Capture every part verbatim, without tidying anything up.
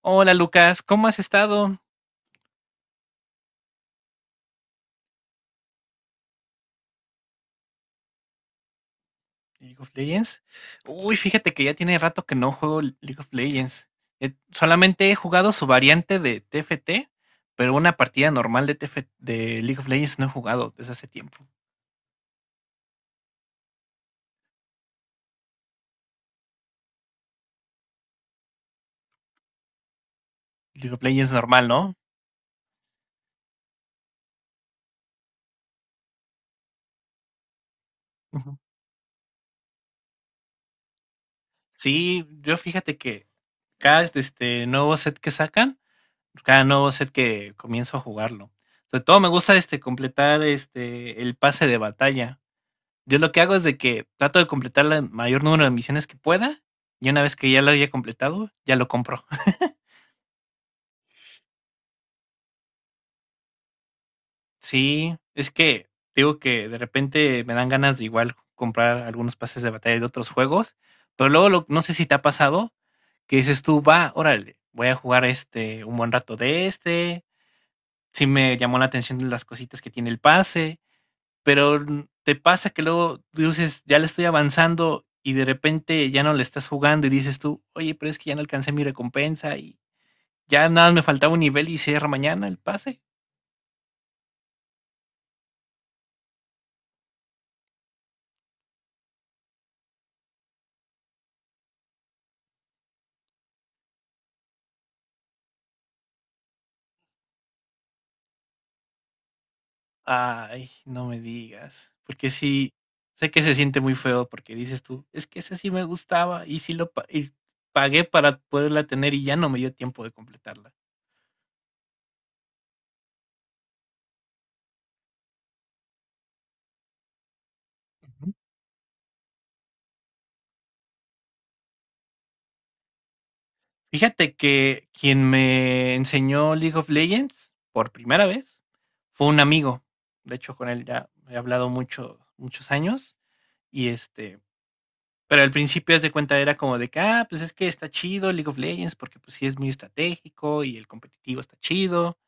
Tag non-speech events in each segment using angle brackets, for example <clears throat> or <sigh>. Hola Lucas, ¿cómo has estado? League of Legends. Uy, fíjate que ya tiene rato que no juego League of Legends. Eh, solamente he jugado su variante de T F T, pero una partida normal de T F de League of Legends no he jugado desde hace tiempo. League of Legends normal, ¿no? Ujú. Sí, yo fíjate que cada este nuevo set que sacan, cada nuevo set que comienzo a jugarlo. Sobre todo me gusta este completar este el pase de batalla. Yo lo que hago es de que trato de completar el mayor número de misiones que pueda y una vez que ya lo haya completado, ya lo compro. <laughs> Sí, es que digo que de repente me dan ganas de igual comprar algunos pases de batalla de otros juegos, pero luego lo- no sé si te ha pasado que dices tú, va, órale, voy a jugar este un buen rato de este, si me llamó la atención las cositas que tiene el pase pero mm, te pasa que luego dices, ya le estoy avanzando y de repente ya no le estás jugando y dices tú, oye, pero es que ya no alcancé mi recompensa y ya nada más me faltaba un nivel y cierra mañana el pase. Ay, no me digas, porque sí, sé que se siente muy feo porque dices tú, es que ese sí me gustaba y sí lo pa- y pagué para poderla tener y ya no me dio tiempo de completarla. Fíjate que quien me enseñó League of Legends por primera vez fue un amigo. De hecho, con él ya he hablado mucho, muchos años. Y este, pero al principio, haz de cuenta, era como de que, ah, pues es que está chido League of Legends porque pues sí es muy estratégico y el competitivo está chido.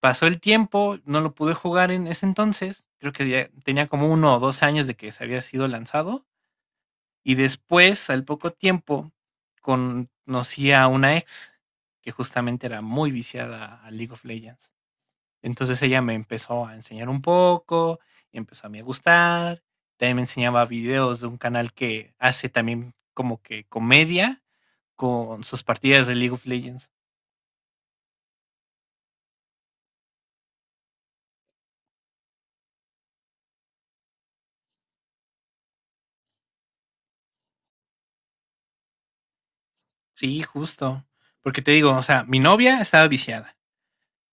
Pasó el tiempo, no lo pude jugar en ese entonces. Creo que ya tenía como uno o dos años de que se había sido lanzado y después, al poco tiempo, conocí a una ex que justamente era muy viciada a League of Legends. Entonces ella me empezó a enseñar un poco, y empezó a mí a gustar. También me enseñaba videos de un canal que hace también como que comedia con sus partidas de League of Legends. Sí, justo. Porque te digo, o sea, mi novia estaba viciada.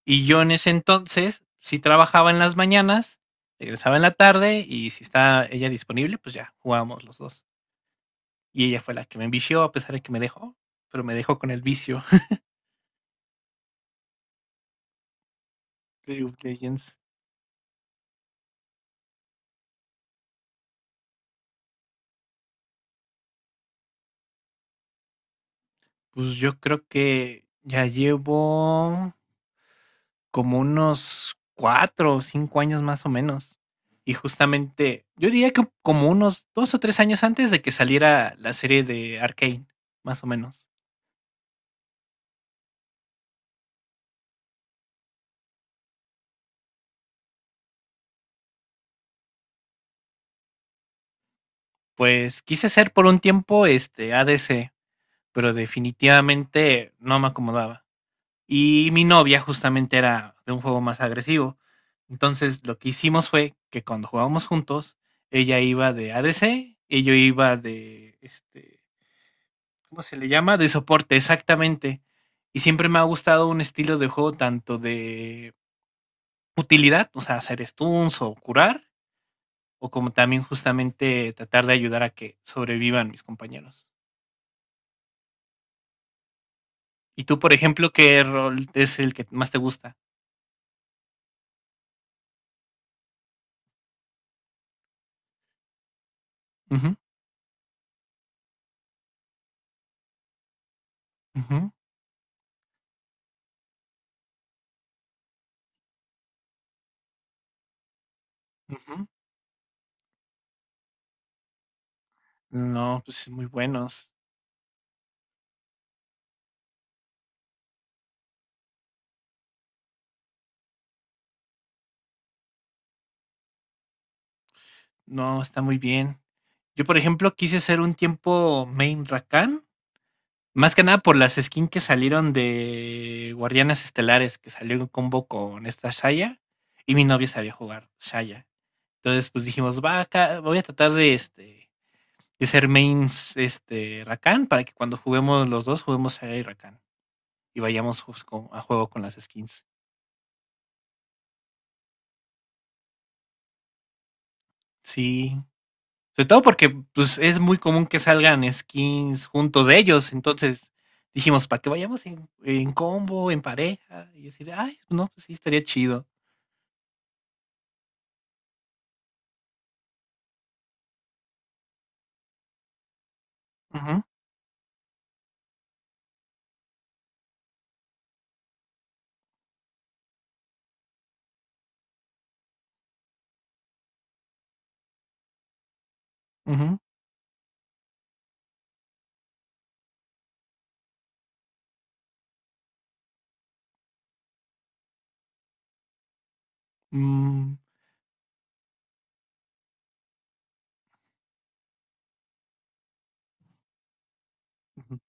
Y yo en ese entonces sí trabajaba en las mañanas, regresaba en la tarde y si está ella disponible, pues ya jugábamos los dos. Y ella fue la que me envició a pesar de que me dejó, pero me dejó con el vicio <laughs> de League of Legends. Pues yo creo que ya llevo como unos cuatro o cinco años más o menos. Y justamente, yo diría que como unos dos o tres años antes de que saliera la serie de Arcane, más o menos. Pues quise ser por un tiempo este A D C, pero definitivamente no me acomodaba. Y mi novia justamente era de un juego más agresivo. Entonces lo que hicimos fue que cuando jugábamos juntos, ella iba de A D C y yo iba de, este, ¿cómo se le llama? De soporte, exactamente. Y siempre me ha gustado un estilo de juego tanto de utilidad, o sea, hacer stuns o curar, o como también justamente tratar de ayudar a que sobrevivan mis compañeros. ¿Y tú, por ejemplo, qué rol es el que más te gusta? Ujú, ujú. No, pues sí, muy buenos. No, está muy bien. Yo, por ejemplo, quise hacer un tiempo main Rakan, más que nada por las skins que salieron de Guardianes Estelares, que salió en combo con esta Shaya, y mi novia sabía jugar Shaya. Entonces, pues dijimos, va acá, voy a tratar de este de ser mains este Rakan para que cuando juguemos los dos, juguemos Shaya y Rakan y vayamos jus- con- a juego con las skins. Sí, sobre todo porque pues, es muy común que salgan skins juntos de ellos. Entonces dijimos, para que vayamos en, en combo, en pareja. Y yo así de, ay, no, pues sí, estaría chido. Ujú, ujú, mm, ujú,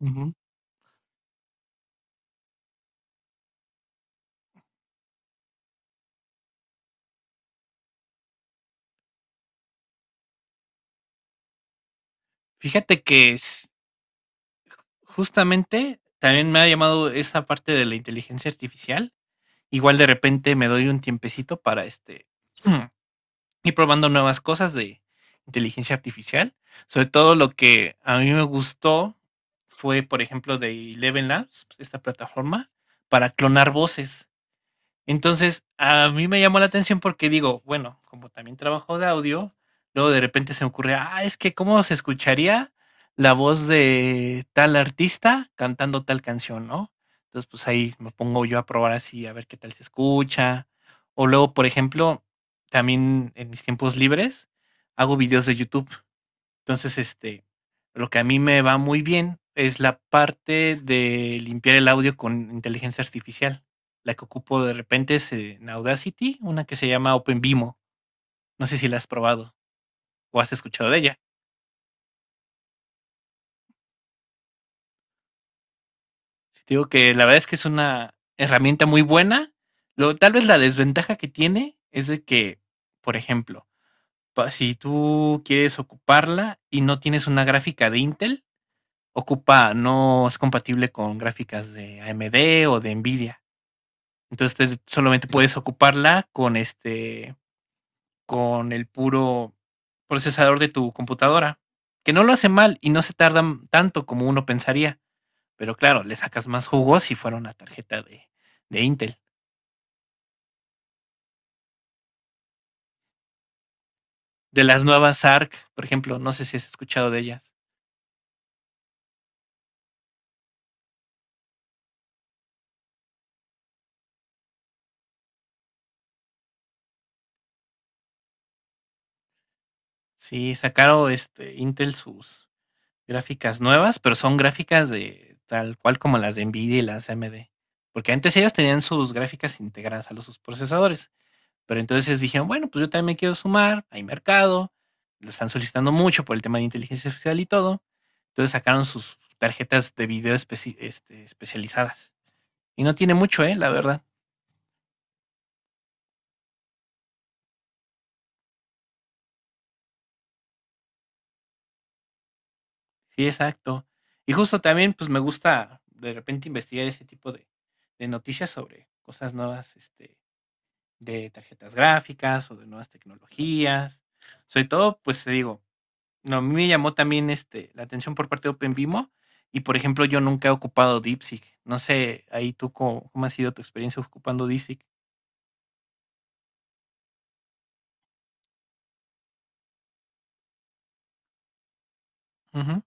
ujú. Fíjate que es- Justamente también me ha llamado esa parte de la inteligencia artificial. Igual de repente me doy un tiempecito para este <clears throat> y probando nuevas cosas de inteligencia artificial. Sobre todo lo que a mí me gustó fue, por ejemplo, de Eleven Labs, esta plataforma, para clonar voces. Entonces, a mí me llamó la atención porque digo, bueno, como también trabajo de audio, luego de repente se me ocurre, ah, es que cómo se escucharía la voz de tal artista cantando tal canción, ¿no? Entonces, pues ahí me pongo yo a probar así, a ver qué tal se escucha. O luego, por ejemplo, también en mis tiempos libres hago videos de YouTube. Entonces, este, lo que a mí me va muy bien es la parte de limpiar el audio con inteligencia artificial. La que ocupo de repente es eh, en Audacity, una que se llama OpenVimo. No sé si la has probado o has escuchado de ella. Te digo que la verdad es que es una herramienta muy buena. Lo, tal vez la desventaja que tiene es de que, por ejemplo, pa- si tú quieres ocuparla y no tienes una gráfica de Intel, ocupa, no es compatible con gráficas de A M D o de Nvidia. Entonces solamente puedes ocuparla con este con el puro procesador de tu computadora, que no lo hace mal y no se tarda tanto como uno pensaría, pero claro, le sacas más jugo si fuera una tarjeta de, de Intel. De las nuevas A R C, por ejemplo, no sé si has escuchado de ellas. Sí, sacaron este Intel sus gráficas nuevas, pero son gráficas de tal cual como las de Nvidia y las A M D, porque antes ellos tenían sus gráficas integradas a los sus procesadores. Pero entonces dijeron, bueno, pues yo también me quiero sumar, hay mercado, lo están solicitando mucho por el tema de inteligencia artificial y todo. Entonces sacaron sus tarjetas de video especi- este, especializadas. Y no tiene mucho, ¿eh? La verdad. Sí, exacto. Y justo también, pues me gusta de repente investigar ese tipo de, de noticias sobre cosas nuevas, este, de tarjetas gráficas o de nuevas tecnologías. Sobre todo, pues te digo, no, a mí me llamó también, este, la atención por parte de OpenVimo y, por ejemplo, yo nunca he ocupado DeepSeek. No sé, ahí tú cómo, cómo ha sido tu experiencia ocupando DeepSeek. Ujú,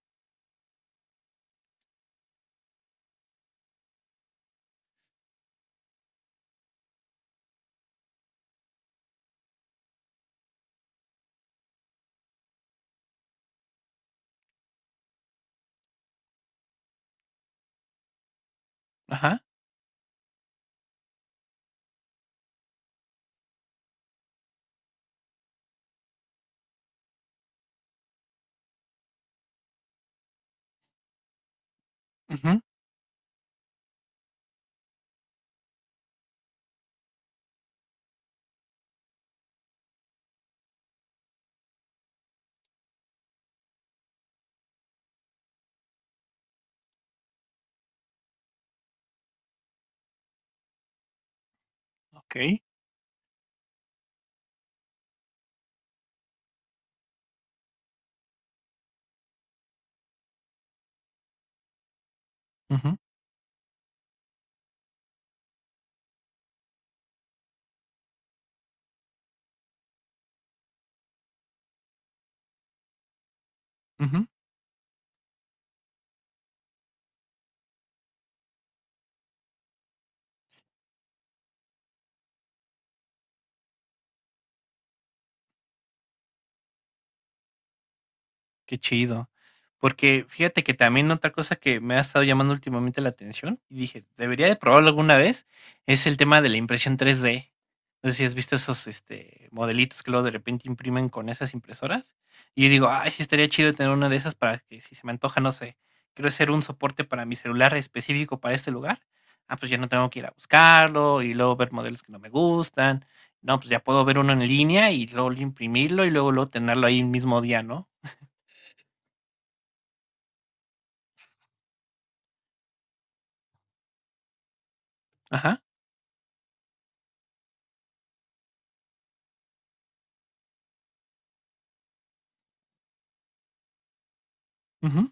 ajá, ujú, okey, ujú, ujú. Qué chido. Porque fíjate que también otra cosa que me ha estado llamando últimamente la atención y dije, debería de probarlo alguna vez, es el tema de la impresión tres d. No sé si has visto esos este, modelitos que luego de repente imprimen con esas impresoras. Y yo digo, ay, sí estaría chido tener una de esas para que si se me antoja, no sé, quiero hacer un soporte para mi celular específico para este lugar. Ah, pues ya no tengo que ir a buscarlo y luego ver modelos que no me gustan. No, pues ya puedo ver uno en línea y luego imprimirlo y luego, luego tenerlo ahí el mismo día, ¿no? Ajá. Ujú.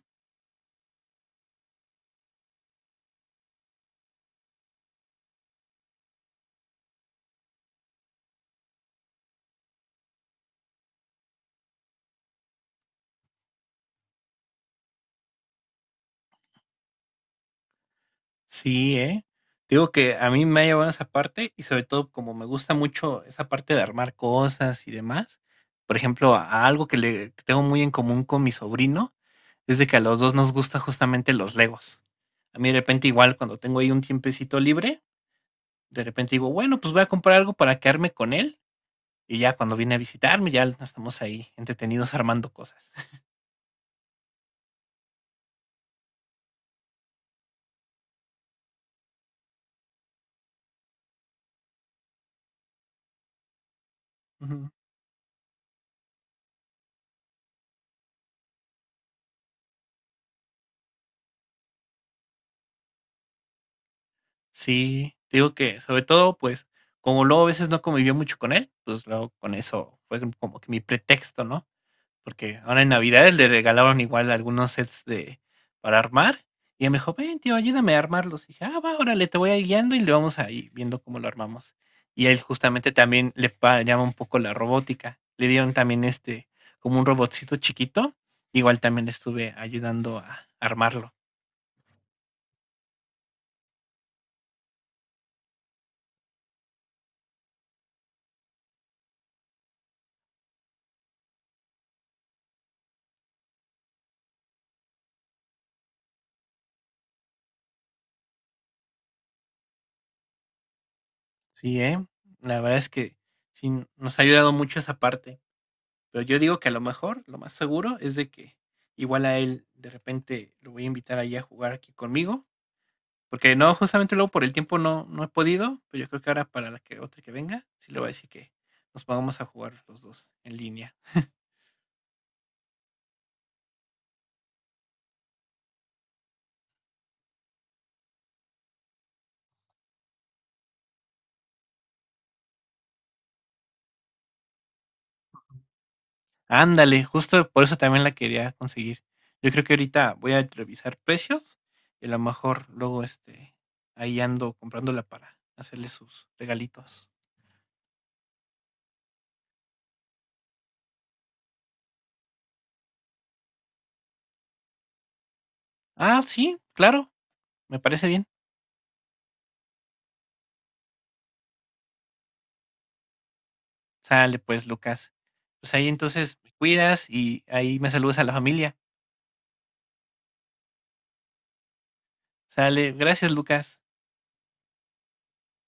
Sí, ¿eh? Digo que a mí me ha llevado esa parte y sobre todo como me gusta mucho esa parte de armar cosas y demás. Por ejemplo, a algo que le que tengo muy en común con mi sobrino es de que a los dos nos gusta justamente los Legos. A mí de repente igual cuando tengo ahí un tiempecito libre, de repente digo, bueno, pues voy a comprar algo para quedarme con él y ya cuando viene a visitarme ya estamos ahí entretenidos armando cosas. <laughs> Sí, te digo que sobre todo, pues, como luego a veces no convivía mucho con él, pues luego con eso fue como que mi pretexto, ¿no? Porque ahora en Navidades le regalaron igual algunos sets de para armar y él me dijo, ven, tío, ayúdame a armarlos. Y dije, ah, va, órale, te voy a ir guiando y le vamos ahí viendo cómo lo armamos. Y él justamente también le pa- llama un poco la robótica. Le dieron también este, como un robotcito chiquito. Igual también le estuve ayudando a armarlo. Sí, ¿eh? La verdad es que sí nos ha ayudado mucho esa parte, pero yo digo que a lo mejor, lo más seguro es de que igual a él de repente lo voy a invitar ahí a jugar aquí conmigo, porque no, justamente luego por el tiempo no, no he podido, pero yo creo que ahora para la que otra que venga, sí le voy a decir que nos pongamos a jugar los dos en línea. Ándale, justo por eso también la quería conseguir. Yo creo que ahorita voy a revisar precios y a lo mejor luego este ahí ando comprándola para hacerle sus regalitos. Ah, sí, claro, me parece bien. Sale pues, Lucas. Pues ahí entonces me cuidas y ahí me saludas a la familia. Sale, gracias, Lucas.